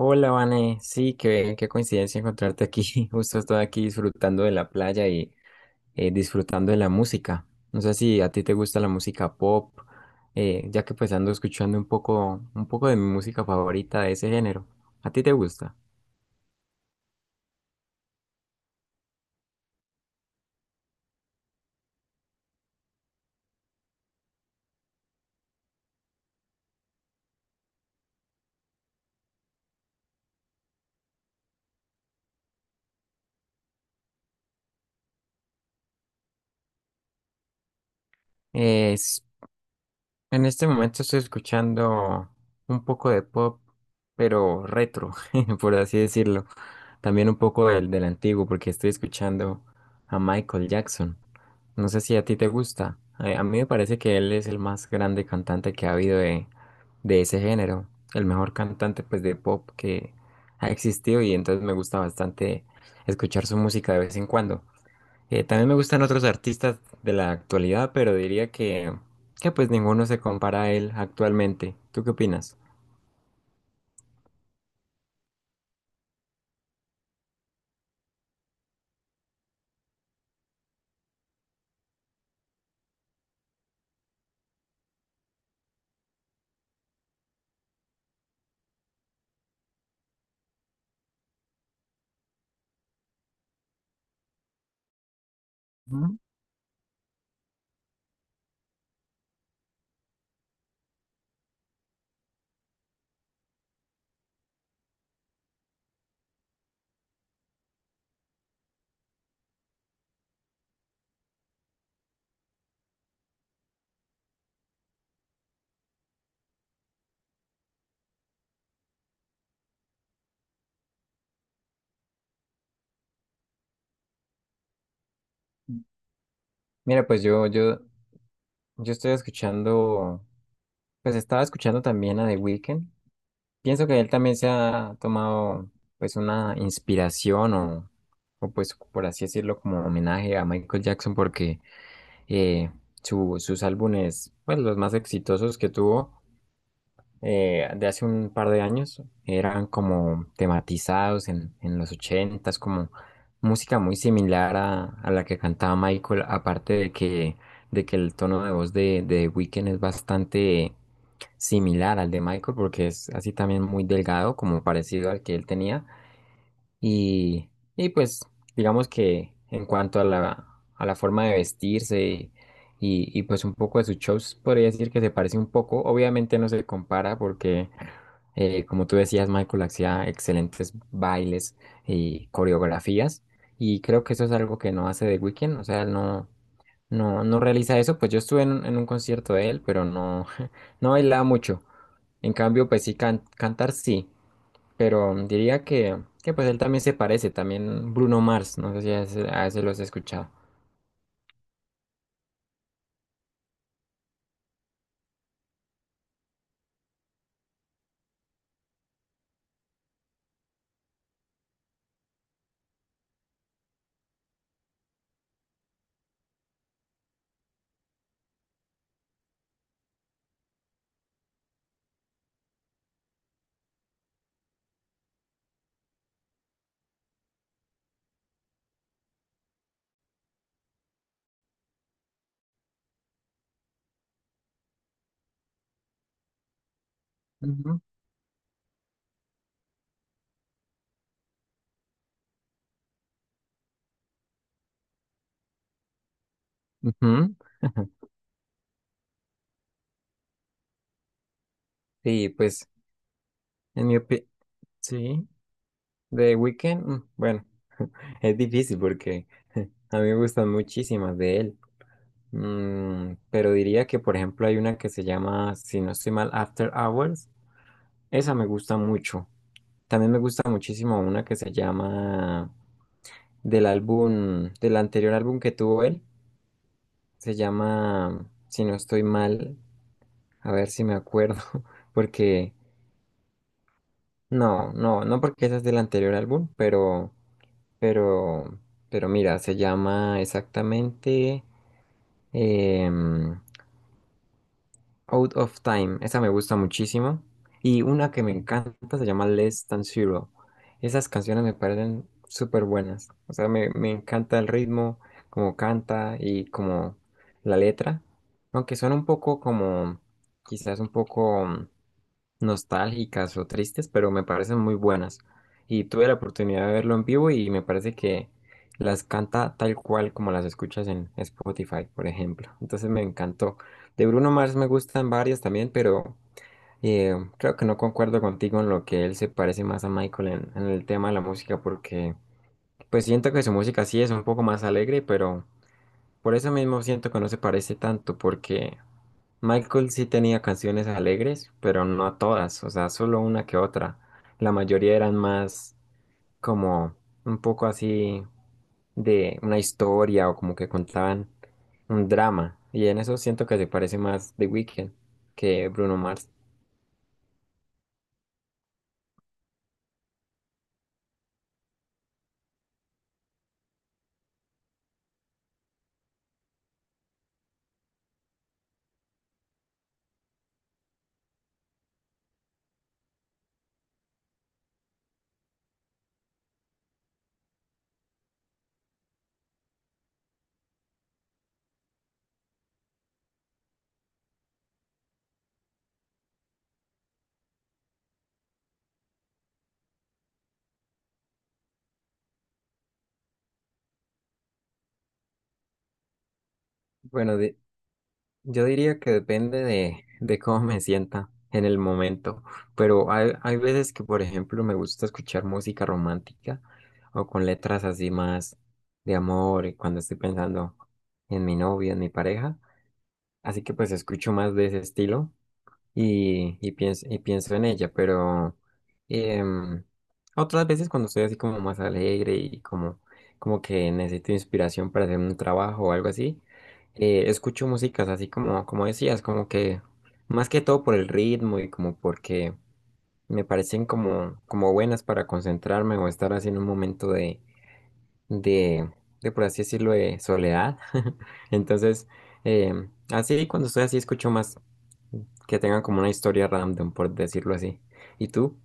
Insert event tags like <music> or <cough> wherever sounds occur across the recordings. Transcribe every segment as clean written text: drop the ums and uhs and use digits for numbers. Hola, Vane. Sí, qué coincidencia encontrarte aquí. <laughs> Justo estoy aquí disfrutando de la playa y disfrutando de la música. No sé si a ti te gusta la música pop, ya que pues ando escuchando un poco de mi música favorita de ese género. ¿A ti te gusta? Es, en este momento estoy escuchando un poco de pop, pero retro, <laughs> por así decirlo. También un poco del antiguo, porque estoy escuchando a Michael Jackson. No sé si a ti te gusta. A mí me parece que él es el más grande cantante que ha habido de ese género. El mejor cantante pues de pop que ha existido y entonces me gusta bastante escuchar su música de vez en cuando. También me gustan otros artistas de la actualidad, pero que pues ninguno se compara a él actualmente. ¿Tú qué opinas? Ujú. Mira, yo estoy escuchando, pues estaba escuchando también a The Weeknd. Pienso que él también se ha tomado pues una inspiración pues por así decirlo como homenaje a Michael Jackson porque eh, sus álbumes pues los más exitosos que tuvo de hace un par de años eran como tematizados en los ochentas como música muy similar a la que cantaba Michael, aparte de que el tono de voz de The Weeknd es bastante similar al de Michael porque es así también muy delgado, como parecido al que él tenía. Y, y pues digamos que en cuanto a a la forma de vestirse y, y pues un poco de sus shows, podría decir que se parece un poco. Obviamente no se compara porque, como tú decías, Michael hacía excelentes bailes y coreografías. Y creo que eso es algo que no hace The Weeknd, o sea, no realiza eso. Pues yo estuve en un concierto de él, pero no, <laughs> no bailaba mucho. En cambio, pues sí, cantar sí, pero diría que pues él también se parece, también Bruno Mars, no sé si a ese, a ese lo has escuchado. Ujú. Ujú. <laughs> Sí, pues en mi opinión, sí, The Weeknd, bueno, <laughs> es difícil porque <laughs> a mí me gustan muchísimas de él. Pero diría que por ejemplo hay una que se llama, si no estoy mal, After Hours, esa me gusta mucho. También me gusta muchísimo una que se llama del anterior álbum que tuvo él. Se llama, si no estoy mal, a ver si me acuerdo, <laughs> porque no, porque esa es del anterior álbum, pero, pero mira, se llama exactamente, em, Out of Time, esa me gusta muchísimo. Y una que me encanta se llama Less Than Zero. Esas canciones me parecen súper buenas. O sea, me encanta el ritmo, como canta y como la letra. Aunque son un poco como, quizás un poco nostálgicas o tristes, pero me parecen muy buenas. Y tuve la oportunidad de verlo en vivo y me parece que las canta tal cual como las escuchas en Spotify, por ejemplo. Entonces me encantó. De Bruno Mars me gustan varias también, pero creo que no concuerdo contigo en lo que él se parece más a Michael en el tema de la música, porque pues siento que su música sí es un poco más alegre, pero por eso mismo siento que no se parece tanto, porque Michael sí tenía canciones alegres, pero no todas, o sea, solo una que otra. La mayoría eran más como un poco así de una historia o como que contaban un drama. Y en eso siento que se parece más The Weeknd que Bruno Mars. Bueno, yo diría que depende de cómo me sienta en el momento, pero hay veces que, por ejemplo, me gusta escuchar música romántica o con letras así más de amor y cuando estoy pensando en mi novia, en mi pareja, así que pues escucho más de ese estilo y pienso en ella, pero em, otras veces cuando estoy así como más alegre y como, como que necesito inspiración para hacer un trabajo o algo así, escucho músicas así como, como decías, como que más que todo por el ritmo y como porque me parecen como, como buenas para concentrarme o estar así en un momento de, de, por así decirlo, de soledad. <laughs> Entonces, así cuando estoy así escucho más que tengan como una historia random, por decirlo así. ¿Y tú?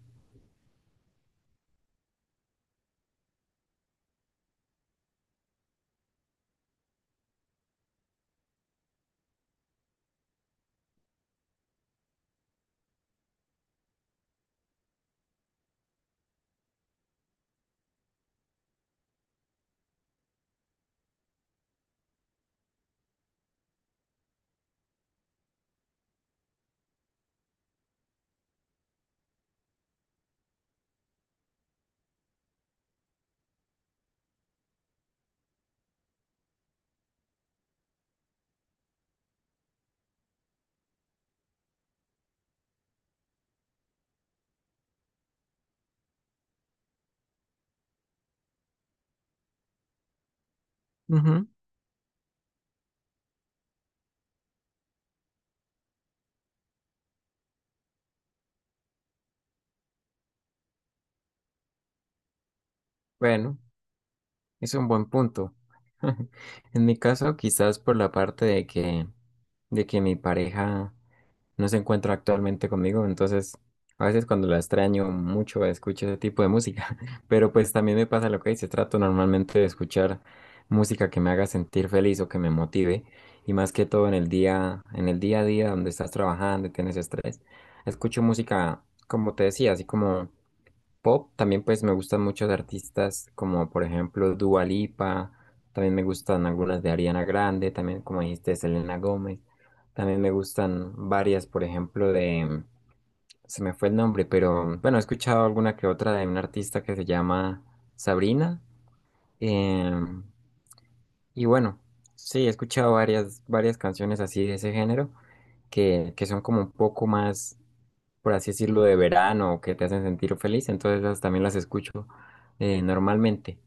Ujú. Bueno, es un buen punto. <laughs> En mi caso, quizás por la parte de de que mi pareja no se encuentra actualmente conmigo, entonces a veces cuando la extraño mucho escucho ese tipo de música, <laughs> pero pues también me pasa lo que dice, trato normalmente de escuchar música que me haga sentir feliz o que me motive, y más que todo en el día a día donde estás trabajando y tienes estrés, escucho música, como te decía, así como pop. También pues me gustan muchos artistas como por ejemplo Dua Lipa, también me gustan algunas de Ariana Grande, también como dijiste Selena Gómez, también me gustan varias por ejemplo de, se me fue el nombre, pero bueno he escuchado alguna que otra de un artista que se llama Sabrina, em, y bueno, sí, he escuchado varias canciones así de ese género que son como un poco más, por así decirlo, de verano, que te hacen sentir feliz, entonces esas también las escucho normalmente.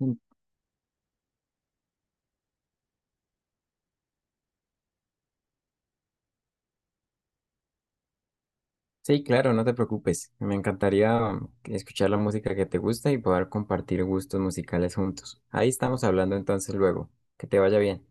Mm, Sí, claro, no te preocupes. Me encantaría escuchar la música que te gusta y poder compartir gustos musicales juntos. Ahí estamos hablando entonces luego. Que te vaya bien.